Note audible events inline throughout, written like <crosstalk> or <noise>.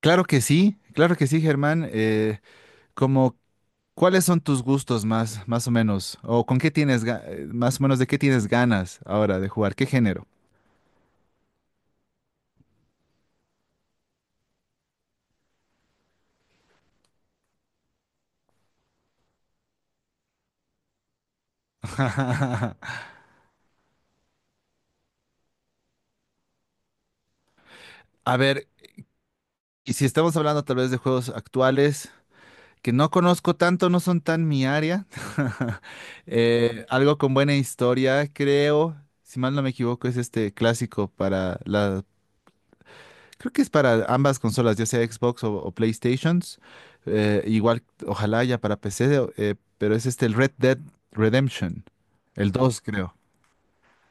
Claro que sí, Germán. Como, ¿Cuáles son tus gustos más o menos? ¿O con qué tienes, más o menos de qué tienes ganas ahora de jugar? ¿Qué género? <laughs> A ver, y si estamos hablando tal vez de juegos actuales que no conozco tanto, no son tan mi área. <laughs> Algo con buena historia, creo. Si mal no me equivoco, es este clásico para la. Creo que es para ambas consolas, ya sea Xbox o PlayStations. Igual, ojalá ya para PC, pero es este el Red Dead Redemption. El 2, creo.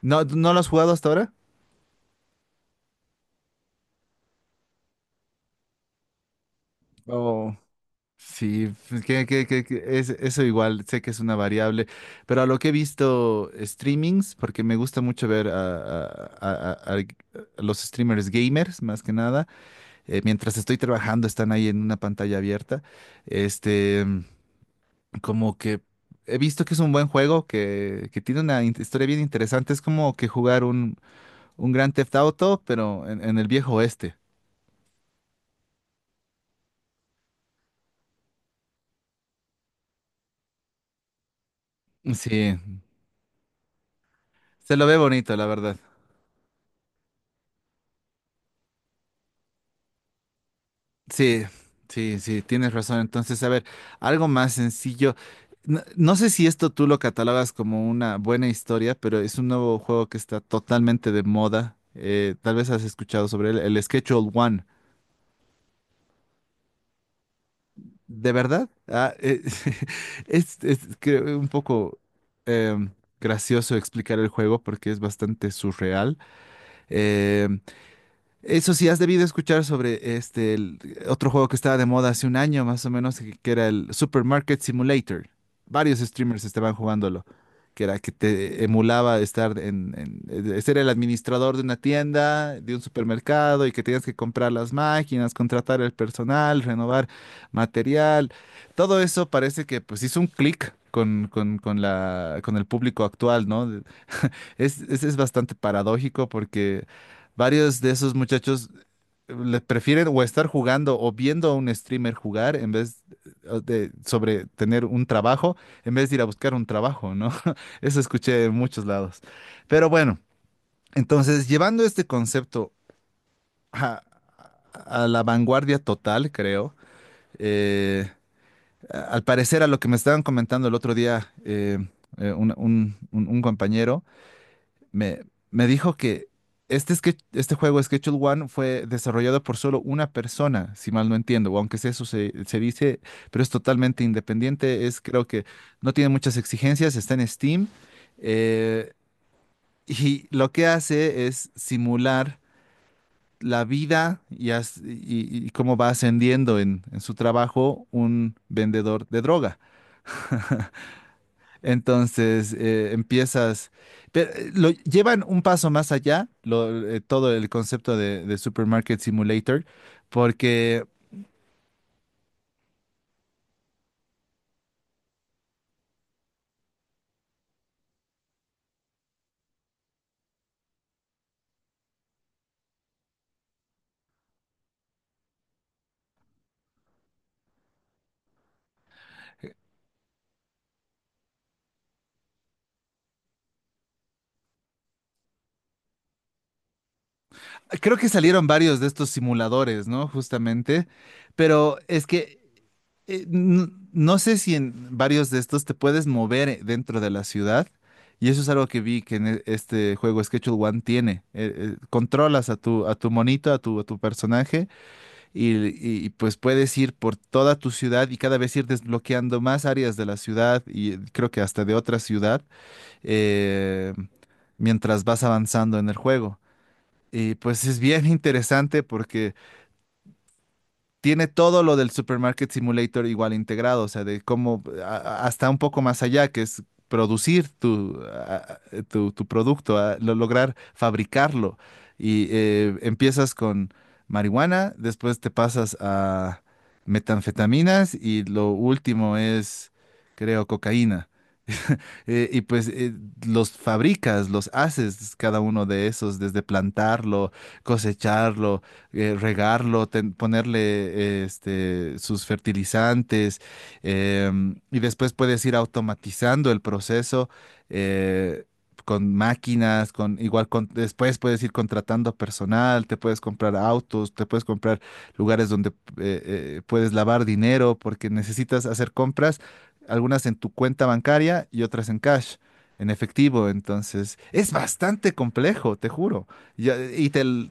¿No, no lo has jugado hasta ahora? Oh, sí, pues, que es, eso igual, sé que es una variable, pero a lo que he visto streamings, porque me gusta mucho ver a- a- a- a los streamers gamers, más que nada, mientras estoy trabajando, están ahí en una pantalla abierta, este, como que he visto que es un buen juego, que tiene una historia bien interesante. Es como que jugar un Grand Theft Auto, pero en el viejo oeste. Sí, se lo ve bonito, la verdad. Sí, sí, sí, tienes razón. Entonces, a ver, algo más sencillo. No, no sé si esto tú lo catalogas como una buena historia, pero es un nuevo juego que está totalmente de moda. Tal vez has escuchado sobre él, el Schedule One. ¿De verdad? Ah, <laughs> es creo, un poco em, gracioso explicar el juego porque es bastante surreal. Em, Eso sí, has debido escuchar sobre el otro juego que estaba de moda hace un año más o menos, que era el Supermarket Simulator. Varios streamers estaban jugándolo, que era que te emulaba estar ser el administrador de una tienda, de un supermercado, y que tenías que comprar las máquinas, contratar el personal, renovar material. Todo eso parece que pues hizo un clic con el público actual, ¿no? Es bastante paradójico porque varios de esos muchachos le prefieren o estar jugando o viendo a un streamer jugar en vez de sobre tener un trabajo, en vez de ir a buscar un trabajo, ¿no? <laughs> Eso escuché en muchos lados. Pero bueno, entonces llevando este concepto a, a la vanguardia total, creo, eh, al parecer a lo que me estaban comentando el otro día un compañero, me, me dijo que este juego Schedule One fue desarrollado por solo una persona, si mal no entiendo, o aunque sea eso se dice, pero es totalmente independiente, es creo que no tiene muchas exigencias, está en Steam, eh, y lo que hace es simular la vida y cómo va ascendiendo en su trabajo un vendedor de droga. Entonces empiezas, pero lo llevan un paso más allá, todo el concepto de Supermarket Simulator, porque creo que salieron varios de estos simuladores, ¿no? Justamente, pero es que no sé si en varios de estos te puedes mover dentro de la ciudad, y eso es algo que vi que en este juego Schedule One tiene. Controlas a tu monito, a tu personaje pues puedes ir por toda tu ciudad y cada vez ir desbloqueando más áreas de la ciudad y creo que hasta de otra ciudad eh, mientras vas avanzando en el juego. Y pues es bien <laughs> interesante porque tiene todo lo del Supermarket Simulator igual integrado, o sea, de cómo hasta un poco más allá, que es producir tu producto, lograr fabricarlo. Y empiezas con marihuana, después te pasas a metanfetaminas y lo último es, creo, cocaína y pues los fabricas, los haces cada uno de esos, desde plantarlo, cosecharlo, regarlo, ponerle sus fertilizantes, y después puedes ir automatizando el proceso. eh, con máquinas, con igual con después puedes ir contratando personal, te puedes comprar autos, te puedes comprar lugares donde puedes lavar dinero porque necesitas hacer compras algunas en tu cuenta bancaria y otras en cash, en efectivo. Entonces, es bastante complejo, te juro. Ya- Y, te... l-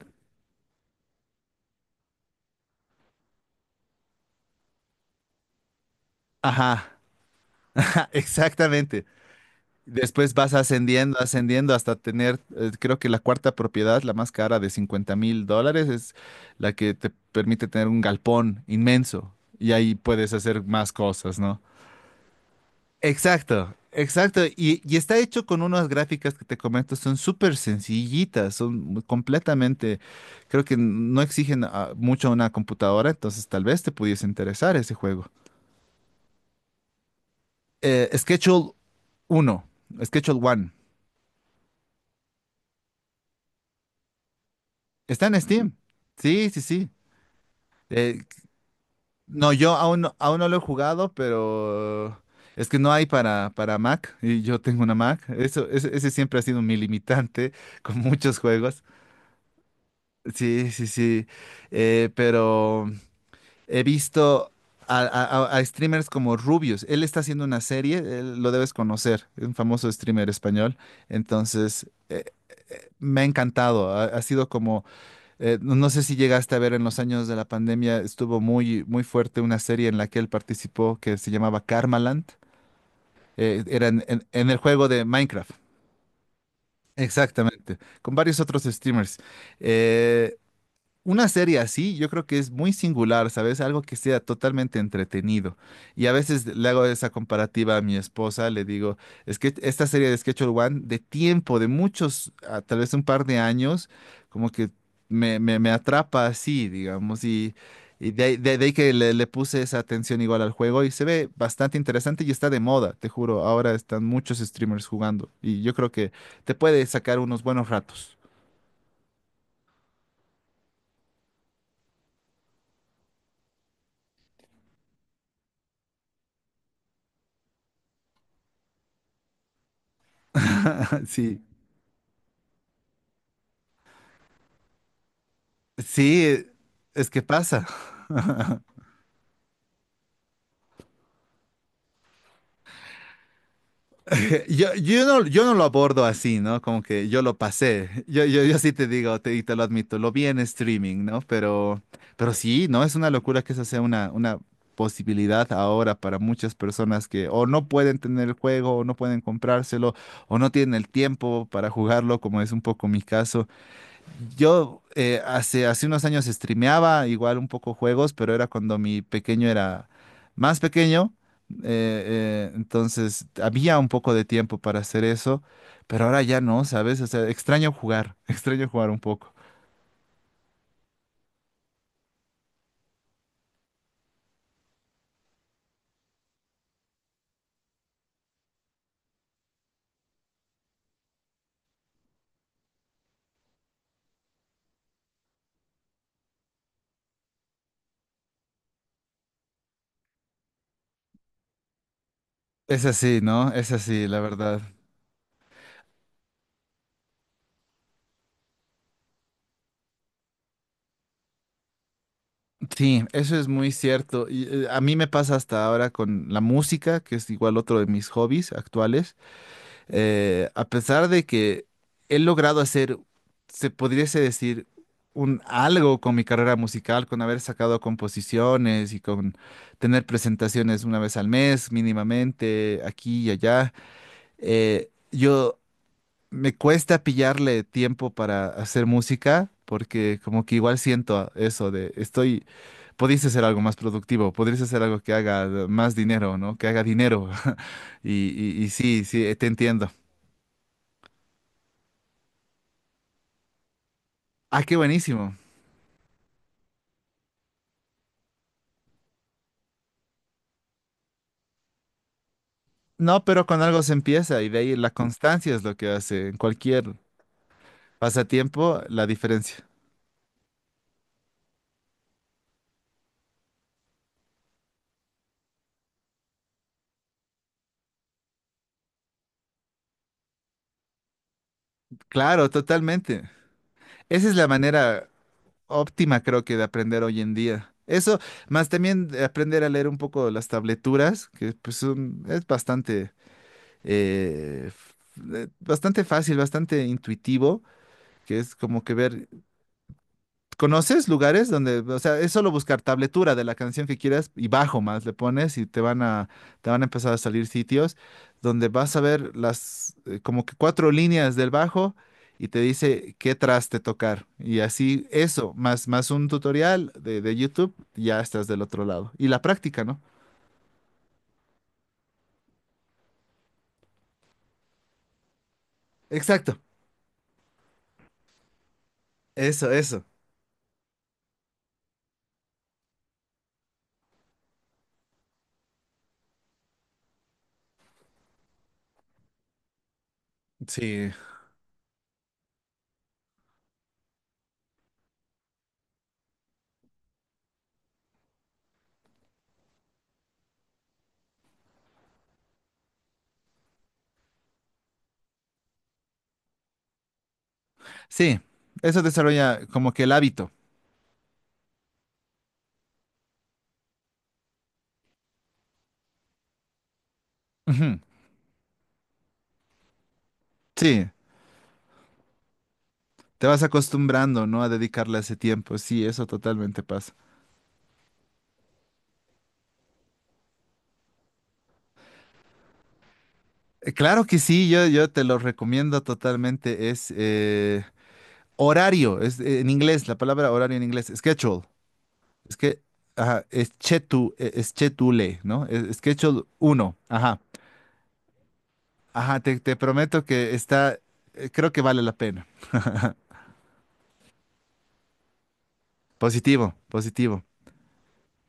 Ajá, <laughs> exactamente. Después vas ascendiendo, ascendiendo hasta tener, creo que la cuarta propiedad, la más cara de $50.000, es la que te permite tener un galpón inmenso. Y ahí puedes hacer más cosas, ¿no? Exacto, exacto. Y está hecho con unas gráficas que te comento, son súper sencillitas, son completamente, creo que no exigen mucho a una computadora, entonces tal vez te pudiese interesar ese juego. Schedule 1, Schedule 1, está en Steam. Sí, sí, sí. Eh, no, yo aún, aún no lo he jugado, pero es que no hay para Mac y yo tengo una Mac. Eso, ese siempre ha sido mi limitante <laughs> con muchos juegos. Sí, sí, sí. Pero he visto a streamers como Rubius. Él está haciendo una serie, él lo debes conocer, es un famoso streamer español. Entonces, me ha encantado. Ha sido como, no sé si llegaste a ver en los años de la pandemia, estuvo muy, muy fuerte una serie en la que él participó que se llamaba Karmaland. Era en el juego de Minecraft. Exactamente, con varios otros streamers. eh, Una serie así, yo creo que es muy singular, ¿sabes? Algo que sea totalmente entretenido. Y a veces le hago esa comparativa a mi esposa, le digo, es que esta serie de Schedule One, de tiempo, de muchos, tal vez un par de años, como que me atrapa así, digamos, y de ahí que le puse esa atención igual al juego y se ve bastante interesante y está de moda, te juro, ahora están muchos streamers jugando y yo creo que te puede sacar unos buenos ratos. <laughs> Sí. Sí, es que pasa. <laughs> Yo no lo abordo así, ¿no? Como que yo lo pasé. Yo sí te digo, y te lo admito, lo vi en streaming, ¿no? Pero sí, ¿no? Es una locura que esa sea una posibilidad ahora para muchas personas que o no pueden tener el juego, o no pueden comprárselo, o no tienen el tiempo para jugarlo, como es un poco mi caso. Yo hace unos años streameaba igual un poco juegos, pero era cuando mi pequeño era más pequeño. Entonces había un poco de tiempo para hacer eso, pero ahora ya no, ¿sabes? O sea, extraño jugar, <laughs> extraño jugar un poco. Es así, ¿no? Es así, la verdad. Sí, eso es muy cierto. Y, a mí me pasa hasta ahora con la música, que es igual otro de mis hobbies actuales. A pesar de que he logrado hacer, se pudiese decir, un algo con mi carrera musical, con haber sacado composiciones y con tener presentaciones una vez al mes mínimamente, aquí y allá, yo me cuesta pillarle tiempo para hacer música porque como que igual siento eso de estoy... Podrías hacer algo más productivo, podrías hacer algo que haga más dinero, ¿no? Que haga dinero. <laughs> Y, y sí, sí, te entiendo. Ah, qué buenísimo. No, pero con algo se empieza y de ahí la constancia es lo que hace en cualquier pasatiempo la diferencia. Claro, totalmente. Esa es la manera óptima, creo que, de aprender hoy en día. Eso, más también de aprender a leer un poco las tableturas, que pues es bastante, eh, f- bastante fácil, bastante intuitivo, que es como que ver. ¿Conoces lugares donde, o sea, es solo buscar tabletura de la canción que quieras y bajo más le pones y te van a empezar a salir sitios donde vas a ver las, como que cuatro líneas del bajo y te dice qué traste tocar. Y así eso, más un tutorial de YouTube, ya estás del otro lado. Y la práctica, ¿no? Exacto, eso, eso. Sí, sí, eso desarrolla como que el hábito. Ujú. Sí, te vas acostumbrando, ¿no? A dedicarle ese tiempo. Sí, eso totalmente pasa. Claro que sí, yo te lo recomiendo totalmente. Es horario, es en inglés, la palabra horario en inglés, schedule. Es que, ajá, es chetule, ¿no? Schedule 1. Ajá. Ajá, te prometo que está, creo que vale la pena. Positivo, positivo.